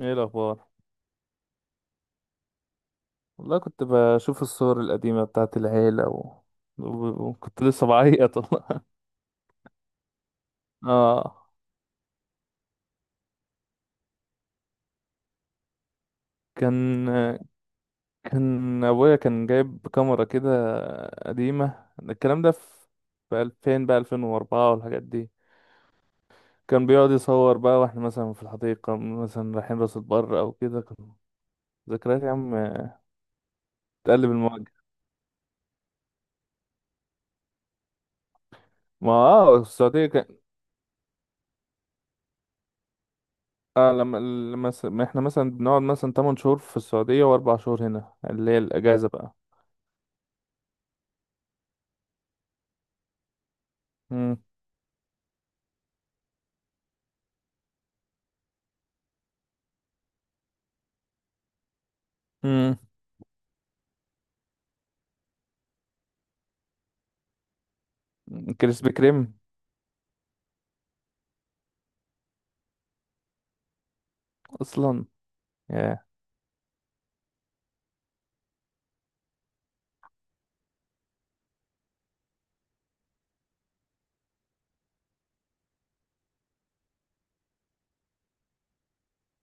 ايه الاخبار؟ والله كنت بشوف الصور القديمه بتاعت العيله و- وكنت لسه بعيط والله. اه. كان كان ابويا كان جايب كاميرا كده قديمه، الكلام ده في 2000 بقى 2004 والحاجات دي. كان بيقعد يصور بقى واحنا مثلا في الحديقه، مثلا رايحين راس البر او كده. كان ذكريات يا عم، تقلب المواجهه. ما السعوديه كان. اه لما ما احنا مثلا بنقعد مثلا 8 شهور في السعوديه واربع شهور هنا اللي هي الاجازه بقى. امم كريسبي كريم. اصلا. ياه.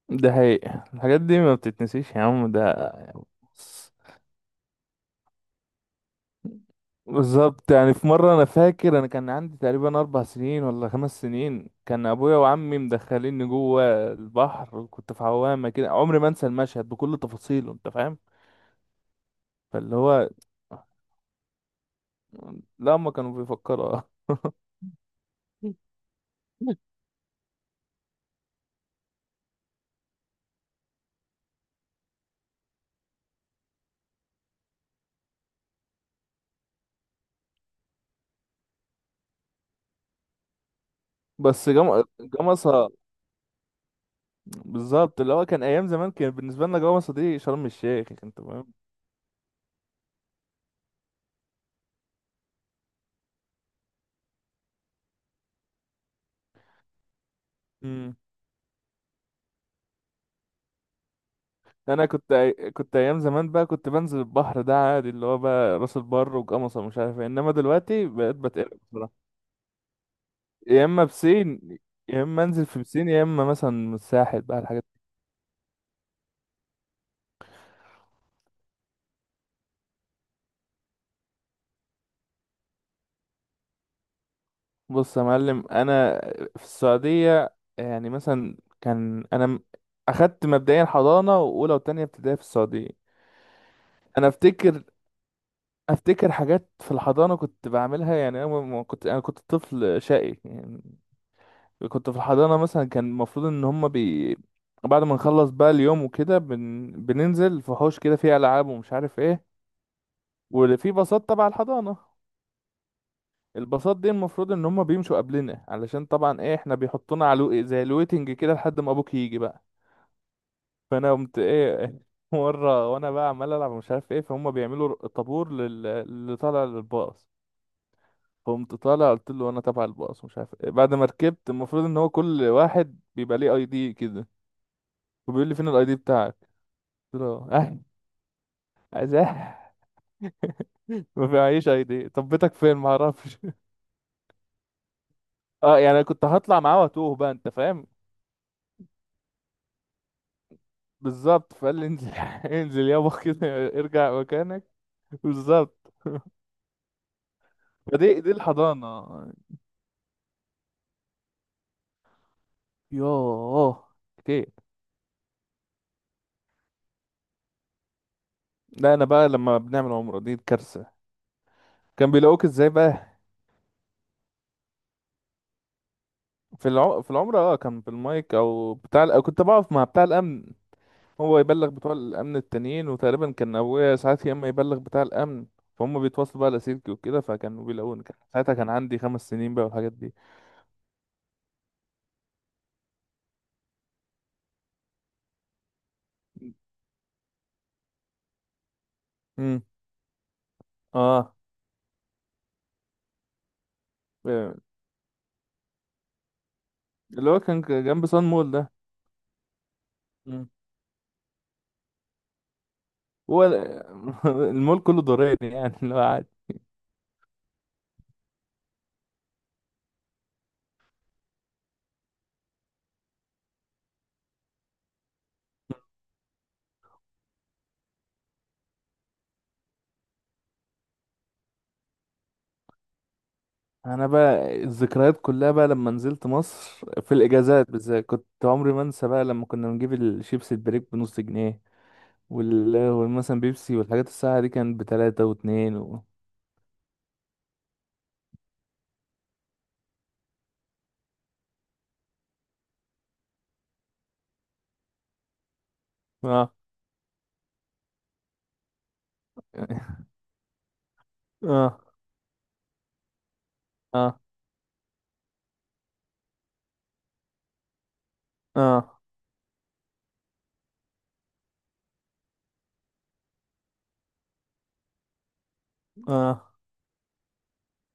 ده حقيقي، الحاجات دي ما بتتنسيش يا عم ده. بص، بالظبط. يعني في مرة أنا فاكر أنا كان عندي تقريبا أربع سنين ولا خمس سنين، كان أبويا وعمي مدخليني جوه البحر وكنت في عوامة كده. عمري ما أنسى المشهد بكل تفاصيله، أنت فاهم. فاللي هو، لا هما كانوا بيفكروا. بس جمصة. بالظبط، اللي هو كان أيام زمان كان بالنسبة لنا جمصة دي شرم الشيخ، أنت فاهم. انا كنت كنت ايام زمان بقى كنت بنزل البحر ده عادي، اللي هو بقى راس البر وقمصة ومش عارف ايه، انما دلوقتي بقيت بتقلق بصراحه. يا اما بسين، يا اما انزل في بسين، يا اما مثلا الساحل بقى الحاجات. بص يا معلم، انا في السعوديه يعني مثلا كان انا اخدت مبدئيا حضانه واولى وتانية ابتدائي في السعوديه. انا افتكر حاجات في الحضانه كنت بعملها، يعني انا ما كنت انا كنت طفل شقي يعني. كنت في الحضانة مثلا، كان المفروض ان هما بي، بعد ما نخلص بقى اليوم وكده بننزل في حوش كده فيه العاب ومش عارف ايه، واللي فيه باصات تبع الحضانة. الباصات دي المفروض ان هما بيمشوا قبلنا، علشان طبعا ايه احنا بيحطونا على زي الويتنج كده لحد ما ابوك يجي بقى. فانا قمت ايه مرة وانا بقى عمال العب ومش عارف ايه، فهم بيعملوا طابور اللي طالع للباص. فقمت طالع قلت له انا تبع الباص ومش عارف إيه. بعد ما ركبت، المفروض ان هو كل واحد بيبقى ليه اي دي كده، وبيقول لي فين الاي دي بتاعك. قلت له اه، عايزاه، ما فيهاش اي دي. طب بيتك فين؟ ما اعرفش. اه يعني انا كنت هطلع معاه واتوه بقى، انت فاهم. بالظبط، فقال لي انزل، انزل يابا كده ارجع مكانك. بالظبط. فدي دي الحضانه. يوه، كتير. لا انا بقى لما بنعمل عمره دي كارثه. كان بيلاقوك ازاي بقى؟ في العمره، اه كان بالمايك او بتاع كنت بقف مع بتاع الامن، هو يبلغ بتوع الامن التانيين، وتقريبا كان ابويا ساعات يا اما يبلغ بتاع الامن. فهم بيتواصلوا بقى لاسلكي وكده، فكانوا بيلاقوني. كان ساعتها كان عندي خمس سنين بقى والحاجات دي. امم اه. اللي هو كان جنب صن مول ده. مم. هو ال- المول كله دوراني يعني اللي هو عادي. انا بقى الذكريات كلها بقى لما نزلت مصر، في الاجازات بالذات كنت عمري ما انسى بقى لما كنا بنجيب الشيبس البريك بنص جنيه والمثلا بيبسي والحاجات، الساعة دي كانت بتلاتة واتنين و... اه. اه. اه. اه. اه.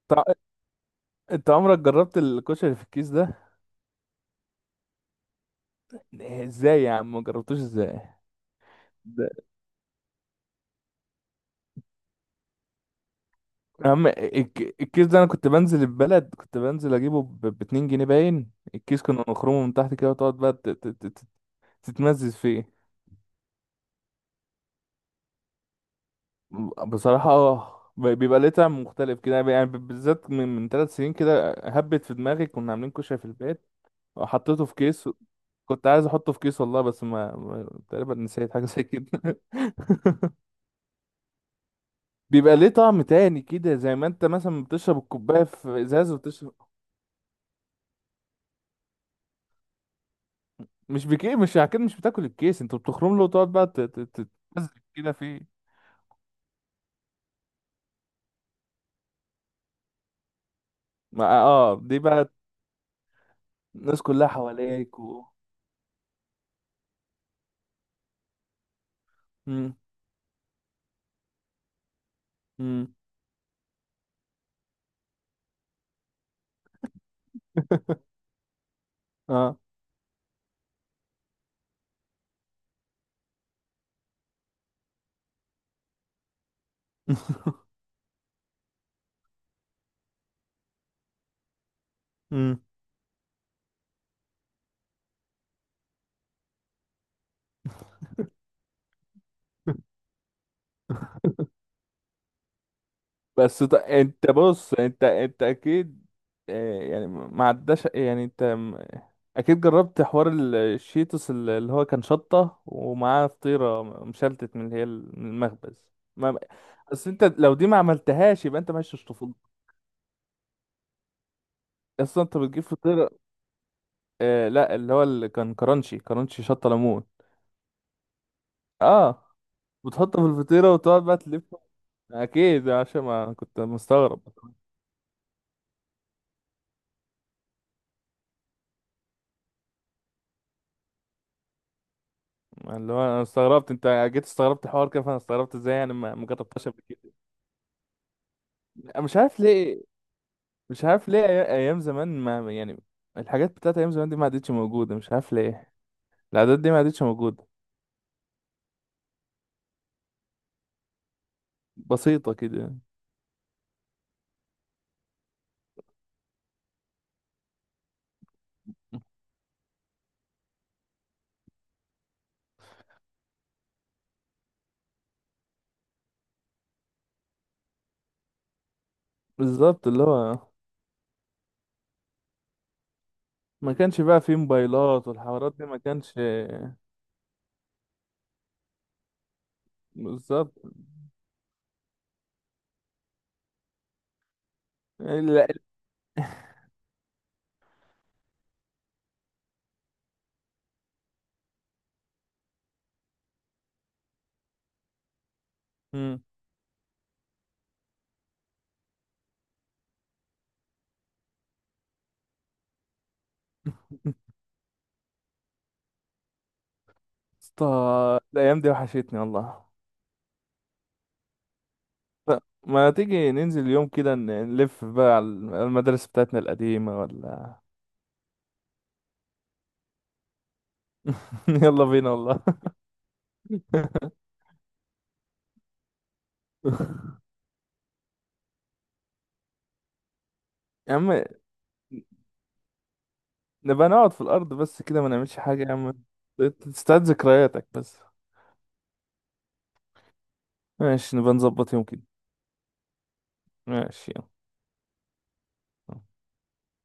طع... انت عمرك جربت الكشري اللي في الكيس ده؟ ازاي يا عم ما جربتوش ازاي؟ ده يا عم الكيس ده، انا كنت بنزل البلد كنت بنزل اجيبه ب 2 جنيه. باين الكيس كنا نخرمه من تحت كده وتقعد بقى تتمزز فيه. بصراحة اه، بيبقى ليه طعم مختلف كده يعني، بالذات من ثلاث سنين كده هبت في دماغي كنا عاملين كشري في البيت وحطيته في كيس. كنت عايز احطه في كيس والله، بس تقريبا نسيت حاجة زي كده. بيبقى ليه طعم تاني كده، زي ما انت مثلا بتشرب الكوبايه في ازاز وبتشرب. مش بكي، مش اكيد مش بتاكل الكيس، انت بتخرم له وتقعد بقى تتمزج كده فيه. ما اه، دي بقى الناس كلها حواليك و... مم. مم. اه. مم. بس انت بص انت اكيد، آه، يعني ما عداش، يعني اكيد جربت حوار الشيتوس اللي هو كان شطة ومعاه فطيرة مشلتت من اللي هي من المخبز. ما... بس انت لو دي ما عملتهاش يبقى انت ما عشتش طفولتك. اصلا انت بتجيب فطيرة؟ آه لا، اللي هو اللي كان كرانشي، كرانشي شطة ليمون. اه بتحطه في الفطيرة وتقعد بقى تلف. اكيد عشان ما كنت مستغرب. اللي هو انا استغربت، انت جيت استغربت الحوار كده فانا استغربت ازاي يعني ما جربتهاش قبل كده. أنا مش عارف ليه، مش عارف ليه. ايام زمان ما يعني، الحاجات بتاعت ايام زمان دي ما عادتش موجوده، مش عارف ليه، العادات دي ما عادتش موجوده. بسيطه كده. بالظبط اللي هو ما كانش بقى فيه موبايلات والحوارات دي ما كانش. بالظبط. لا. مم. اسطى، الايام دي وحشتني والله. ما تيجي ننزل يوم كده نلف بقى على المدارس بتاعتنا القديمه ولا؟ يلا بينا والله. يا عم، نبقى نقعد في الأرض بس كده ما نعملش حاجة يا عم. تستعيد ذكرياتك بس. ماشي، نبقى نظبط يوم كده. ماشي. يلا